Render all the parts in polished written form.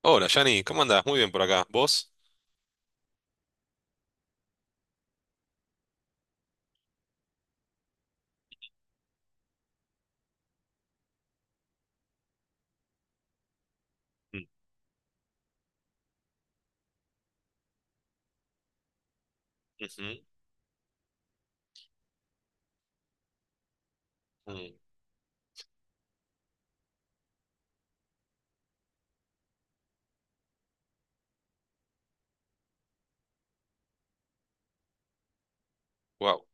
Hola, Yanni, ¿cómo andás? Muy bien por acá. ¿Vos? Mm. Ujú. Mm. Guau.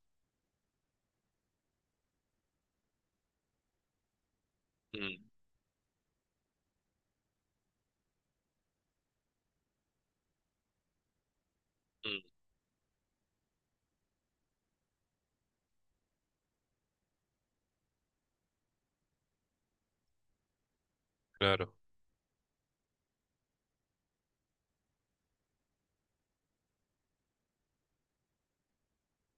Mm. Mm. Claro.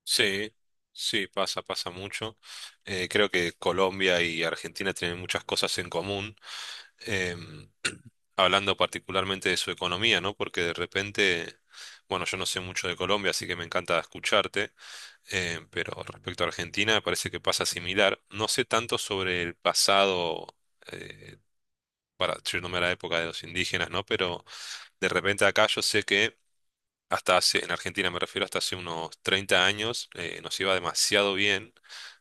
Sí, sí, pasa, pasa mucho. Creo que Colombia y Argentina tienen muchas cosas en común. Em, Hablando particularmente de su economía, ¿no? Porque de repente, bueno, yo no sé mucho de Colombia, así que me encanta escucharte, pero respecto a Argentina me parece que pasa similar. No sé tanto sobre el pasado, eh, para yéndome a la época de los indígenas, ¿no? Pero de repente acá yo sé que hasta hace, en Argentina me refiero, hasta hace unos 30 años nos iba demasiado bien.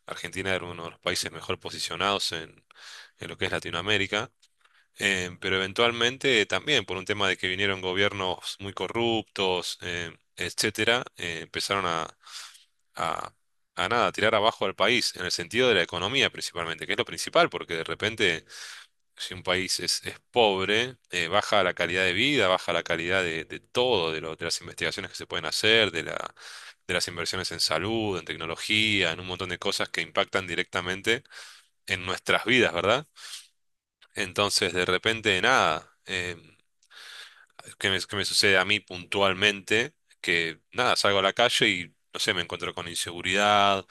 Argentina era uno de los países mejor posicionados en lo que es Latinoamérica. Pero eventualmente también por un tema de que vinieron gobiernos muy corruptos, etcétera, empezaron a, a nada, a tirar abajo al país, en el sentido de la economía principalmente, que es lo principal, porque de repente si un país es pobre, baja la calidad de vida, baja la calidad de todo, de las investigaciones que se pueden hacer, de las inversiones en salud, en tecnología, en un montón de cosas que impactan directamente en nuestras vidas, ¿verdad? Entonces, de repente, nada, ¿qué me sucede a mí puntualmente? Que nada, salgo a la calle y, no sé, me encuentro con inseguridad.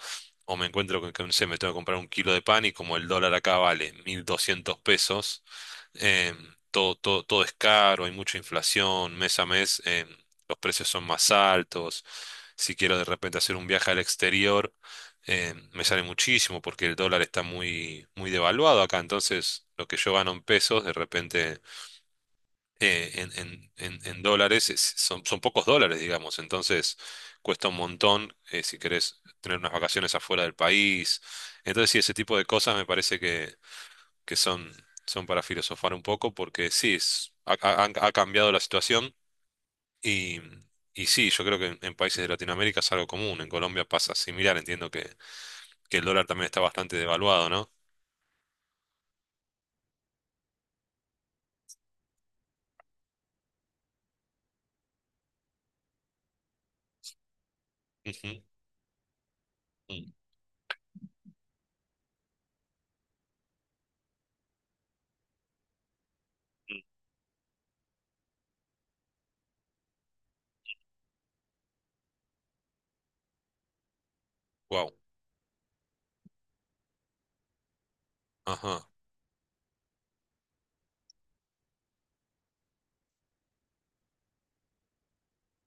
O me encuentro con que, no sé, me tengo que comprar un kilo de pan, y como el dólar acá vale 1.200 pesos, em, todo, todo, todo es caro, hay mucha inflación, mes a mes los precios son más altos. Si quiero de repente hacer un viaje al exterior, me sale muchísimo porque el dólar está muy, muy devaluado acá. Entonces, lo que yo gano en pesos, de repente en dólares, son pocos dólares, digamos. Entonces, cuesta un montón si querés tener unas vacaciones afuera del país. Entonces, sí, ese tipo de cosas me parece que son para filosofar un poco, porque sí, ha cambiado la situación, y, y sí, yo creo que en países de Latinoamérica es algo común, en Colombia pasa similar, entiendo que, el dólar también está bastante devaluado, ¿no? Wow, ajá,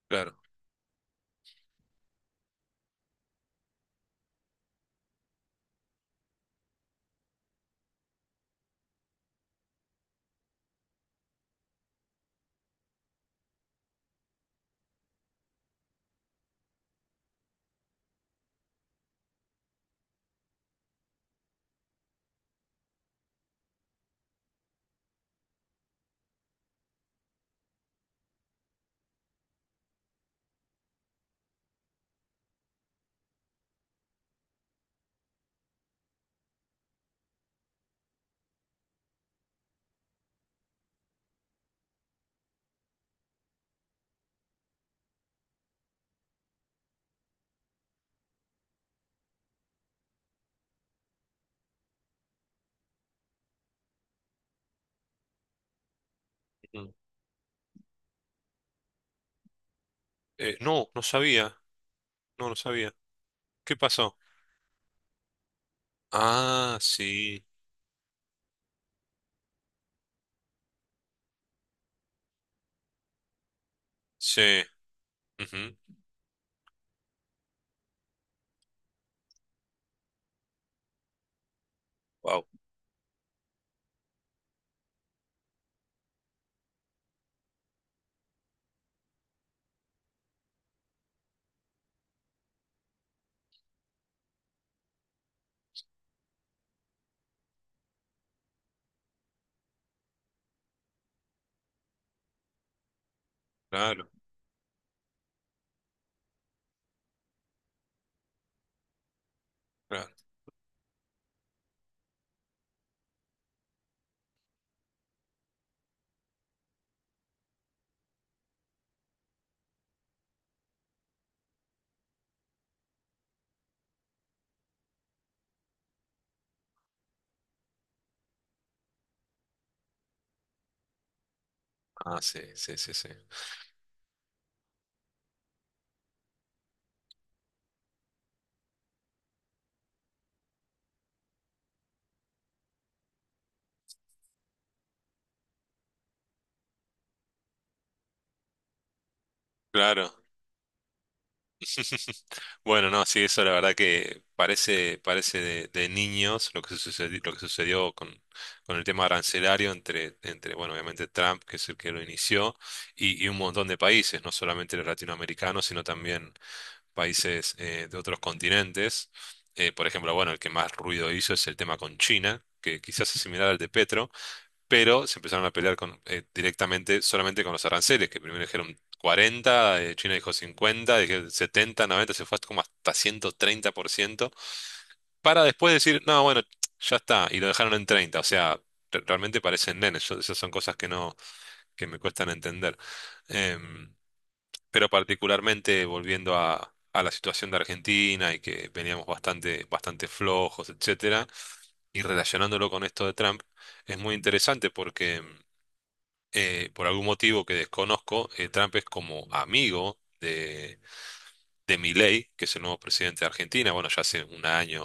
claro. Ujú. No, no sabía, no, no sabía. ¿Qué pasó? Ah, sí, sí. Wow, claro, claro. Ah, sí, sí, sí, sí. Claro. Bueno, no, sí, eso la verdad que parece de niños lo que sucedió con el tema arancelario entre, bueno, obviamente Trump, que es el que lo inició, y un montón de países, no solamente los latinoamericanos, sino también países de otros continentes. Por ejemplo, bueno, el que más ruido hizo es el tema con China, que quizás es similar al de Petro, pero se empezaron a pelear con, directamente solamente con los aranceles, que primero dijeron 40, China dijo 50, dije 70, 90, se fue hasta como hasta 130%, para después decir, no, bueno, ya está, y lo dejaron en 30. O sea, realmente parecen nenes, esas son cosas que no, que me cuestan entender. Em, pero particularmente volviendo a la situación de Argentina y que veníamos bastante, bastante flojos, etcétera, y relacionándolo con esto de Trump, es muy interesante porque por algún motivo que desconozco, Trump es como amigo de Milei, que es el nuevo presidente de Argentina, bueno, ya hace un año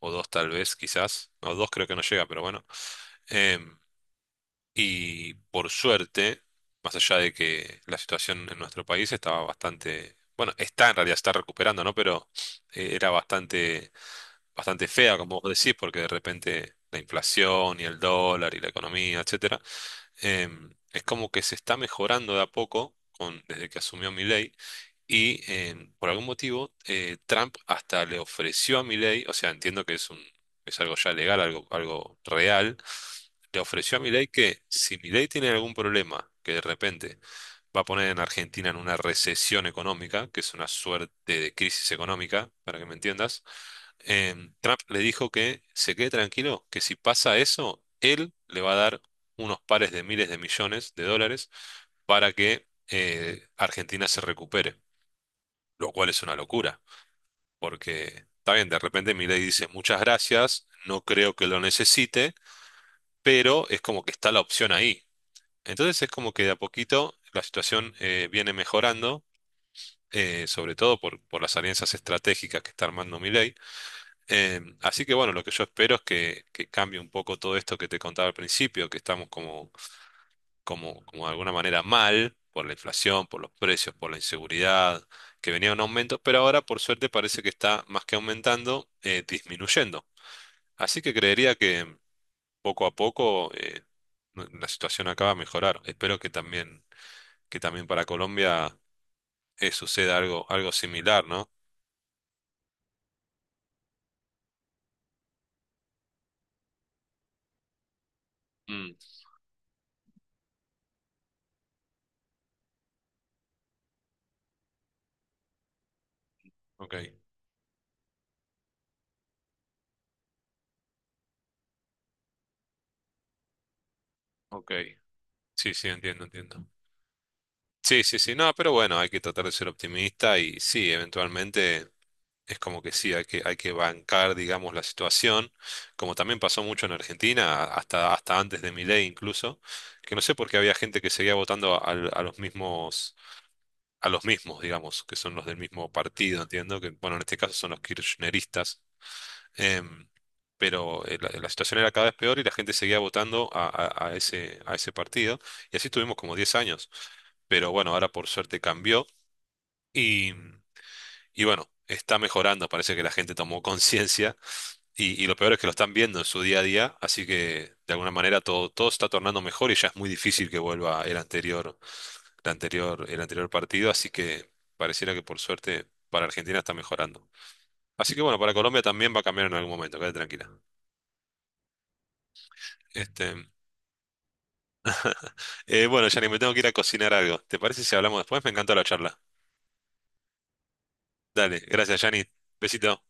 o dos tal vez, quizás, no, dos creo que no llega, pero bueno. Em, y por suerte, más allá de que la situación en nuestro país estaba bastante, bueno, está en realidad, está recuperando, ¿no? Pero era bastante, bastante fea, como vos decís, porque de repente la inflación y el dólar y la economía, etcétera. Es como que se está mejorando de a poco con, desde que asumió Milei. Y por algún motivo, Trump hasta le ofreció a Milei. O sea, entiendo que es algo ya legal, algo, algo real. Le ofreció a Milei que si Milei tiene algún problema, que de repente va a poner en Argentina en una recesión económica, que es una suerte de crisis económica, para que me entiendas, Trump le dijo que se quede tranquilo, que si pasa eso, él le va a dar unos pares de miles de millones de dólares para que Argentina se recupere, lo cual es una locura, porque está bien, de repente Milei dice muchas gracias, no creo que lo necesite, pero es como que está la opción ahí. Entonces es como que de a poquito la situación viene mejorando, sobre todo por, las alianzas estratégicas que está armando Milei. Así que bueno, lo que yo espero es que cambie un poco todo esto que te contaba al principio, que estamos como de alguna manera mal por la inflación, por los precios, por la inseguridad, que venía un aumento, pero ahora por suerte parece que está más que aumentando, disminuyendo. Así que creería que poco a poco la situación acaba de mejorar. Espero que también para Colombia suceda algo, algo similar, ¿no? Mm, ok, ok. Sí, sí, entiendo, entiendo. Sí, sí, sí, no, pero bueno, hay que tratar de ser optimista y sí, eventualmente es como que sí, hay que bancar, digamos, la situación, como también pasó mucho en Argentina, hasta antes de Milei incluso, que no sé por qué había gente que seguía votando a los mismos, a los mismos, digamos, que son los del mismo partido, entiendo, que bueno, en este caso son los kirchneristas, em, pero la situación era cada vez peor y la gente seguía votando a ese partido, y así tuvimos como 10 años, pero bueno, ahora por suerte cambió y, y bueno, está mejorando, parece que la gente tomó conciencia y lo peor es que lo están viendo en su día a día, así que de alguna manera todo, todo se está tornando mejor y ya es muy difícil que vuelva el anterior partido, así que pareciera que por suerte para Argentina está mejorando. Así que bueno, para Colombia también va a cambiar en algún momento, quédate tranquila. Este, bueno, Yanni, me tengo que ir a cocinar algo. ¿Te parece si hablamos después? Me encantó la charla. Dale, gracias, Yanni. Besito.